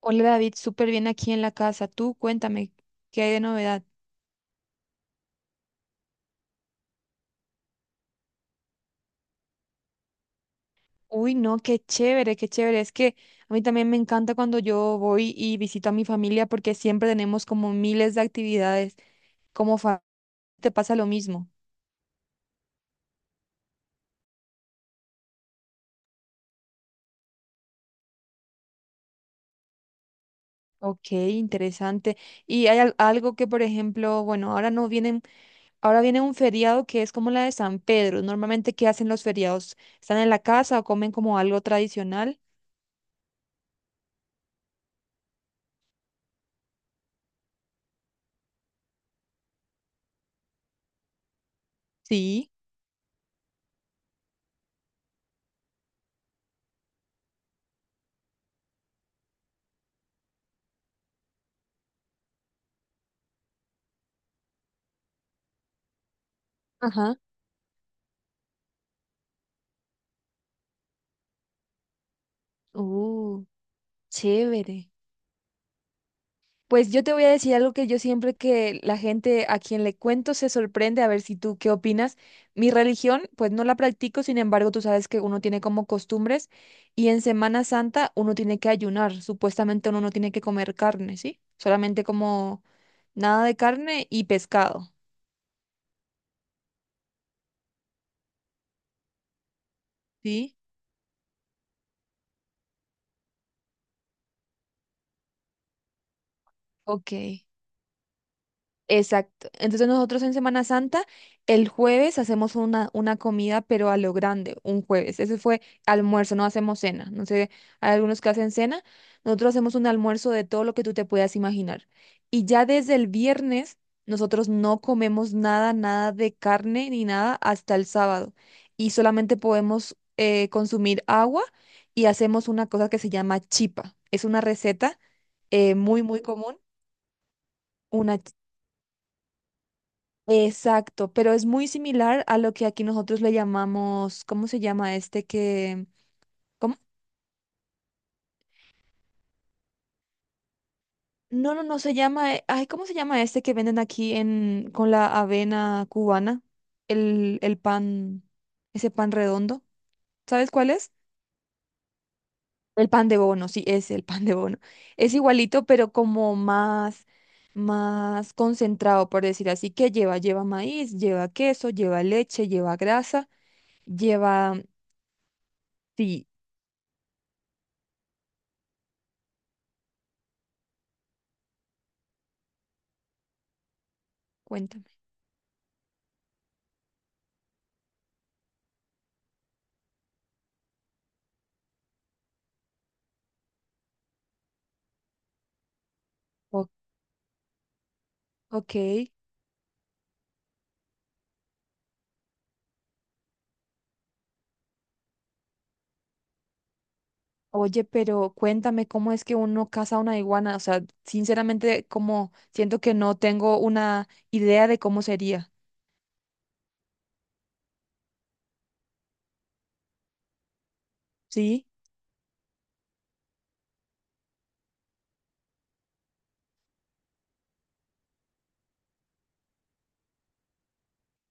Hola David, súper bien aquí en la casa. Tú cuéntame, ¿qué hay de novedad? Uy, no, qué chévere, qué chévere. Es que a mí también me encanta cuando yo voy y visito a mi familia porque siempre tenemos como miles de actividades. Como fa- Te pasa lo mismo. Ok, interesante. Y hay algo que, por ejemplo, bueno, ahora no vienen, ahora viene un feriado que es como la de San Pedro. Normalmente, ¿qué hacen los feriados? ¿Están en la casa o comen como algo tradicional? Sí. Ajá. Uh, Chévere. Pues yo te voy a decir algo que yo siempre que la gente a quien le cuento se sorprende, a ver si tú qué opinas. Mi religión, pues no la practico, sin embargo, tú sabes que uno tiene como costumbres y en Semana Santa uno tiene que ayunar, supuestamente uno no tiene que comer carne, ¿sí? Solamente como nada de carne y pescado, ¿sí? Ok. Exacto. Entonces nosotros en Semana Santa, el jueves hacemos una comida, pero a lo grande, un jueves. Ese fue almuerzo, no hacemos cena. No sé, hay algunos que hacen cena. Nosotros hacemos un almuerzo de todo lo que tú te puedas imaginar. Y ya desde el viernes, nosotros no comemos nada, nada de carne ni nada hasta el sábado. Y solamente podemos consumir agua y hacemos una cosa que se llama chipa. Es una receta muy, muy común. Una Exacto, pero es muy similar a lo que aquí nosotros le llamamos, ¿cómo se llama este que, ¿cómo? No, no, no se llama, ay, ¿cómo se llama este que venden aquí en con la avena cubana? El pan, ese pan redondo, ¿sabes cuál es? El pan de bono, sí, es el pan de bono. Es igualito, pero como más, más concentrado, por decir así, que lleva maíz, lleva queso, lleva leche, lleva grasa, lleva, sí, cuéntame. O- ok. Oye, pero cuéntame cómo es que uno caza una iguana. O sea, sinceramente, como siento que no tengo una idea de cómo sería. ¿Sí?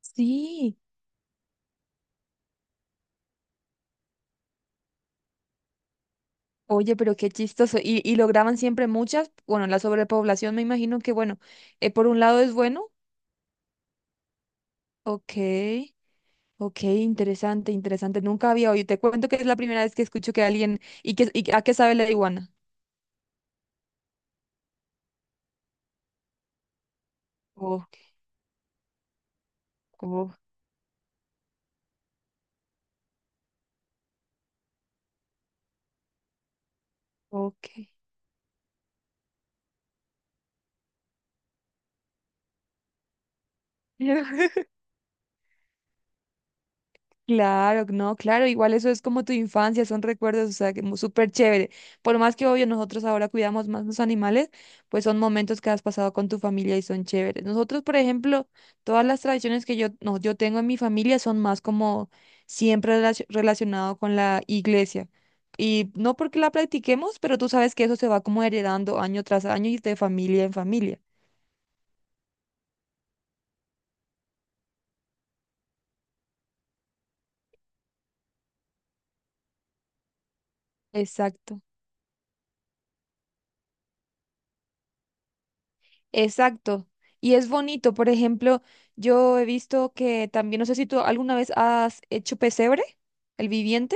Sí. Oye, pero qué chistoso. Y lograban siempre muchas. Bueno, la sobrepoblación me imagino que, bueno, por un lado es bueno. Ok, ok, interesante, interesante. Nunca había oído. Te cuento que es la primera vez que escucho que alguien... ¿Y a qué sabe la iguana? Oh, oh. Ok. Claro, no, claro, igual eso es como tu infancia, son recuerdos, o sea, que súper chévere. Por más que obvio nosotros ahora cuidamos más los animales, pues son momentos que has pasado con tu familia y son chéveres. Nosotros, por ejemplo, todas las tradiciones que yo, no, yo tengo en mi familia son más como siempre relacionado con la iglesia. Y no porque la practiquemos, pero tú sabes que eso se va como heredando año tras año y de familia en familia. Exacto. Exacto. Y es bonito. Por ejemplo, yo he visto que también, no sé si tú alguna vez has hecho pesebre, el viviente.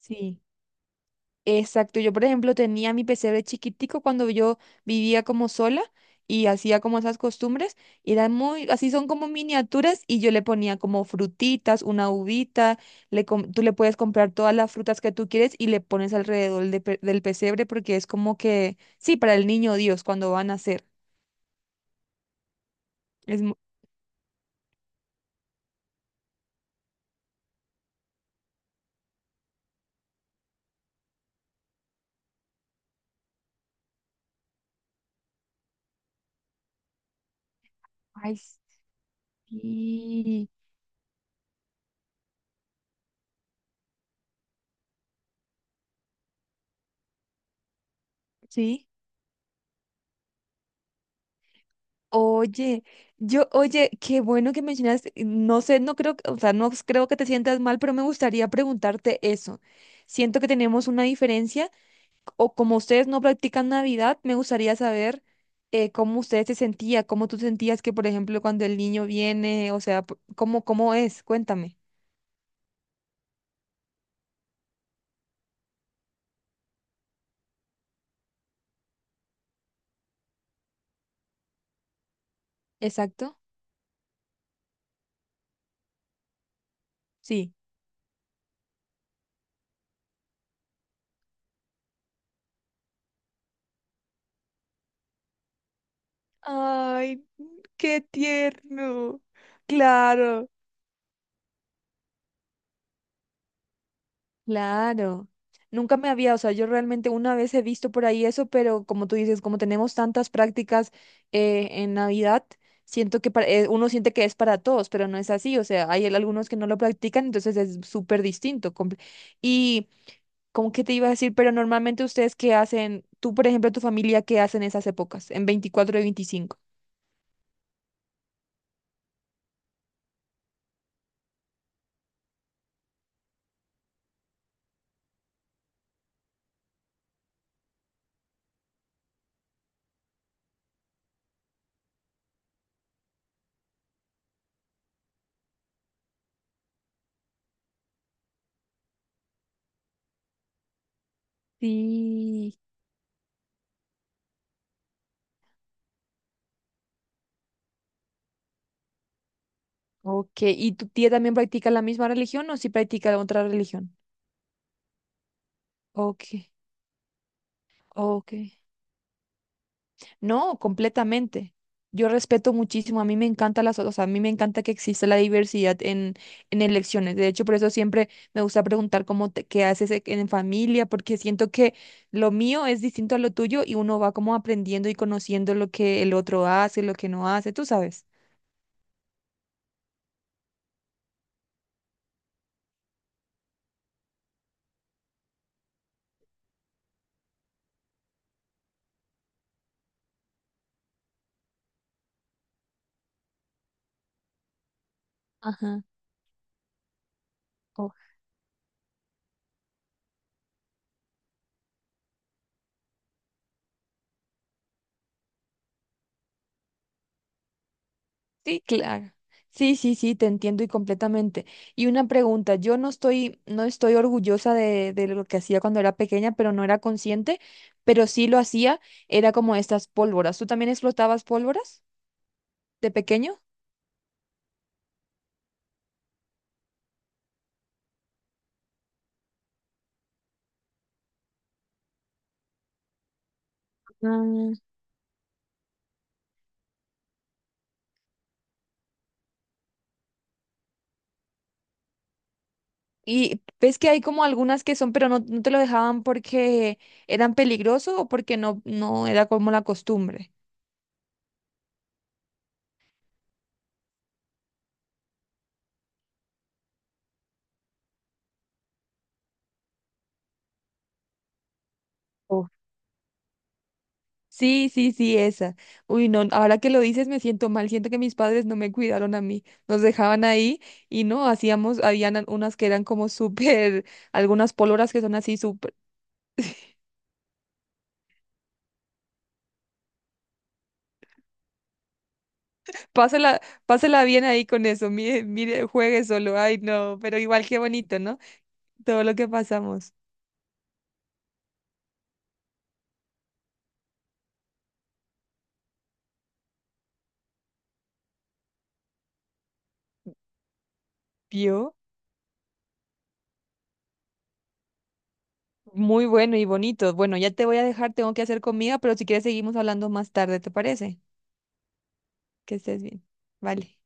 Sí. Exacto, yo por ejemplo tenía mi pesebre chiquitico cuando yo vivía como sola y hacía como esas costumbres, y eran muy, así son como miniaturas y yo le ponía como frutitas, una uvita, le tú le puedes comprar todas las frutas que tú quieres y le pones alrededor de del pesebre porque es como que, sí, para el niño Dios cuando van a nacer. Es, mu- Ay, sí, sí. Oye, yo, oye, qué bueno que mencionas, no sé, no creo, o sea, no creo que te sientas mal, pero me gustaría preguntarte eso. Siento que tenemos una diferencia, o como ustedes no practican Navidad, me gustaría saber cómo ustedes se sentían, cómo tú sentías que, por ejemplo, cuando el niño viene, o sea, cómo es, cuéntame. Exacto, sí. Ay, qué tierno. Claro. Claro, nunca me había, o sea, yo realmente una vez he visto por ahí eso, pero como tú dices, como tenemos tantas prácticas en Navidad, siento que uno siente que es para todos, pero no es así, o sea, hay algunos que no lo practican, entonces es súper distinto. Y como que te iba a decir, pero normalmente ustedes qué hacen, tú por ejemplo, tu familia, ¿qué hacen esas épocas, en 24 y 25? Sí. Ok, ¿y tu tía también practica la misma religión o si practica otra religión? Ok, ok. No, completamente. Yo respeto muchísimo, a mí me encanta las, o sea, a mí me encanta que exista la diversidad en, elecciones. De hecho, por eso siempre me gusta preguntar cómo qué haces en familia, porque siento que lo mío es distinto a lo tuyo y uno va como aprendiendo y conociendo lo que el otro hace, lo que no hace, tú sabes. Ajá. Sí, claro. Sí, sí, sí, te entiendo y completamente. Y una pregunta, yo no estoy orgullosa de lo que hacía cuando era pequeña, pero no era consciente, pero sí lo hacía, era como estas pólvoras. ¿Tú también explotabas pólvoras de pequeño? Mm, Y ves que hay como algunas que son, pero no, no te lo dejaban porque eran peligrosos o porque no, no era como la costumbre. Sí, sí, sí, esa. Uy, no, ahora que lo dices me siento mal, siento que mis padres no me cuidaron a mí, nos dejaban ahí y no, hacíamos, habían unas que eran como súper, algunas pólvoras que son así súper, pásela, pásela bien ahí con eso, mire, mire, juegue solo, ay no, pero igual qué bonito, ¿no? Todo lo que pasamos. ¿Vio? Muy bueno y bonito. Bueno, ya te voy a dejar, tengo que hacer comida, pero si quieres seguimos hablando más tarde, ¿te parece? Que estés bien. Vale.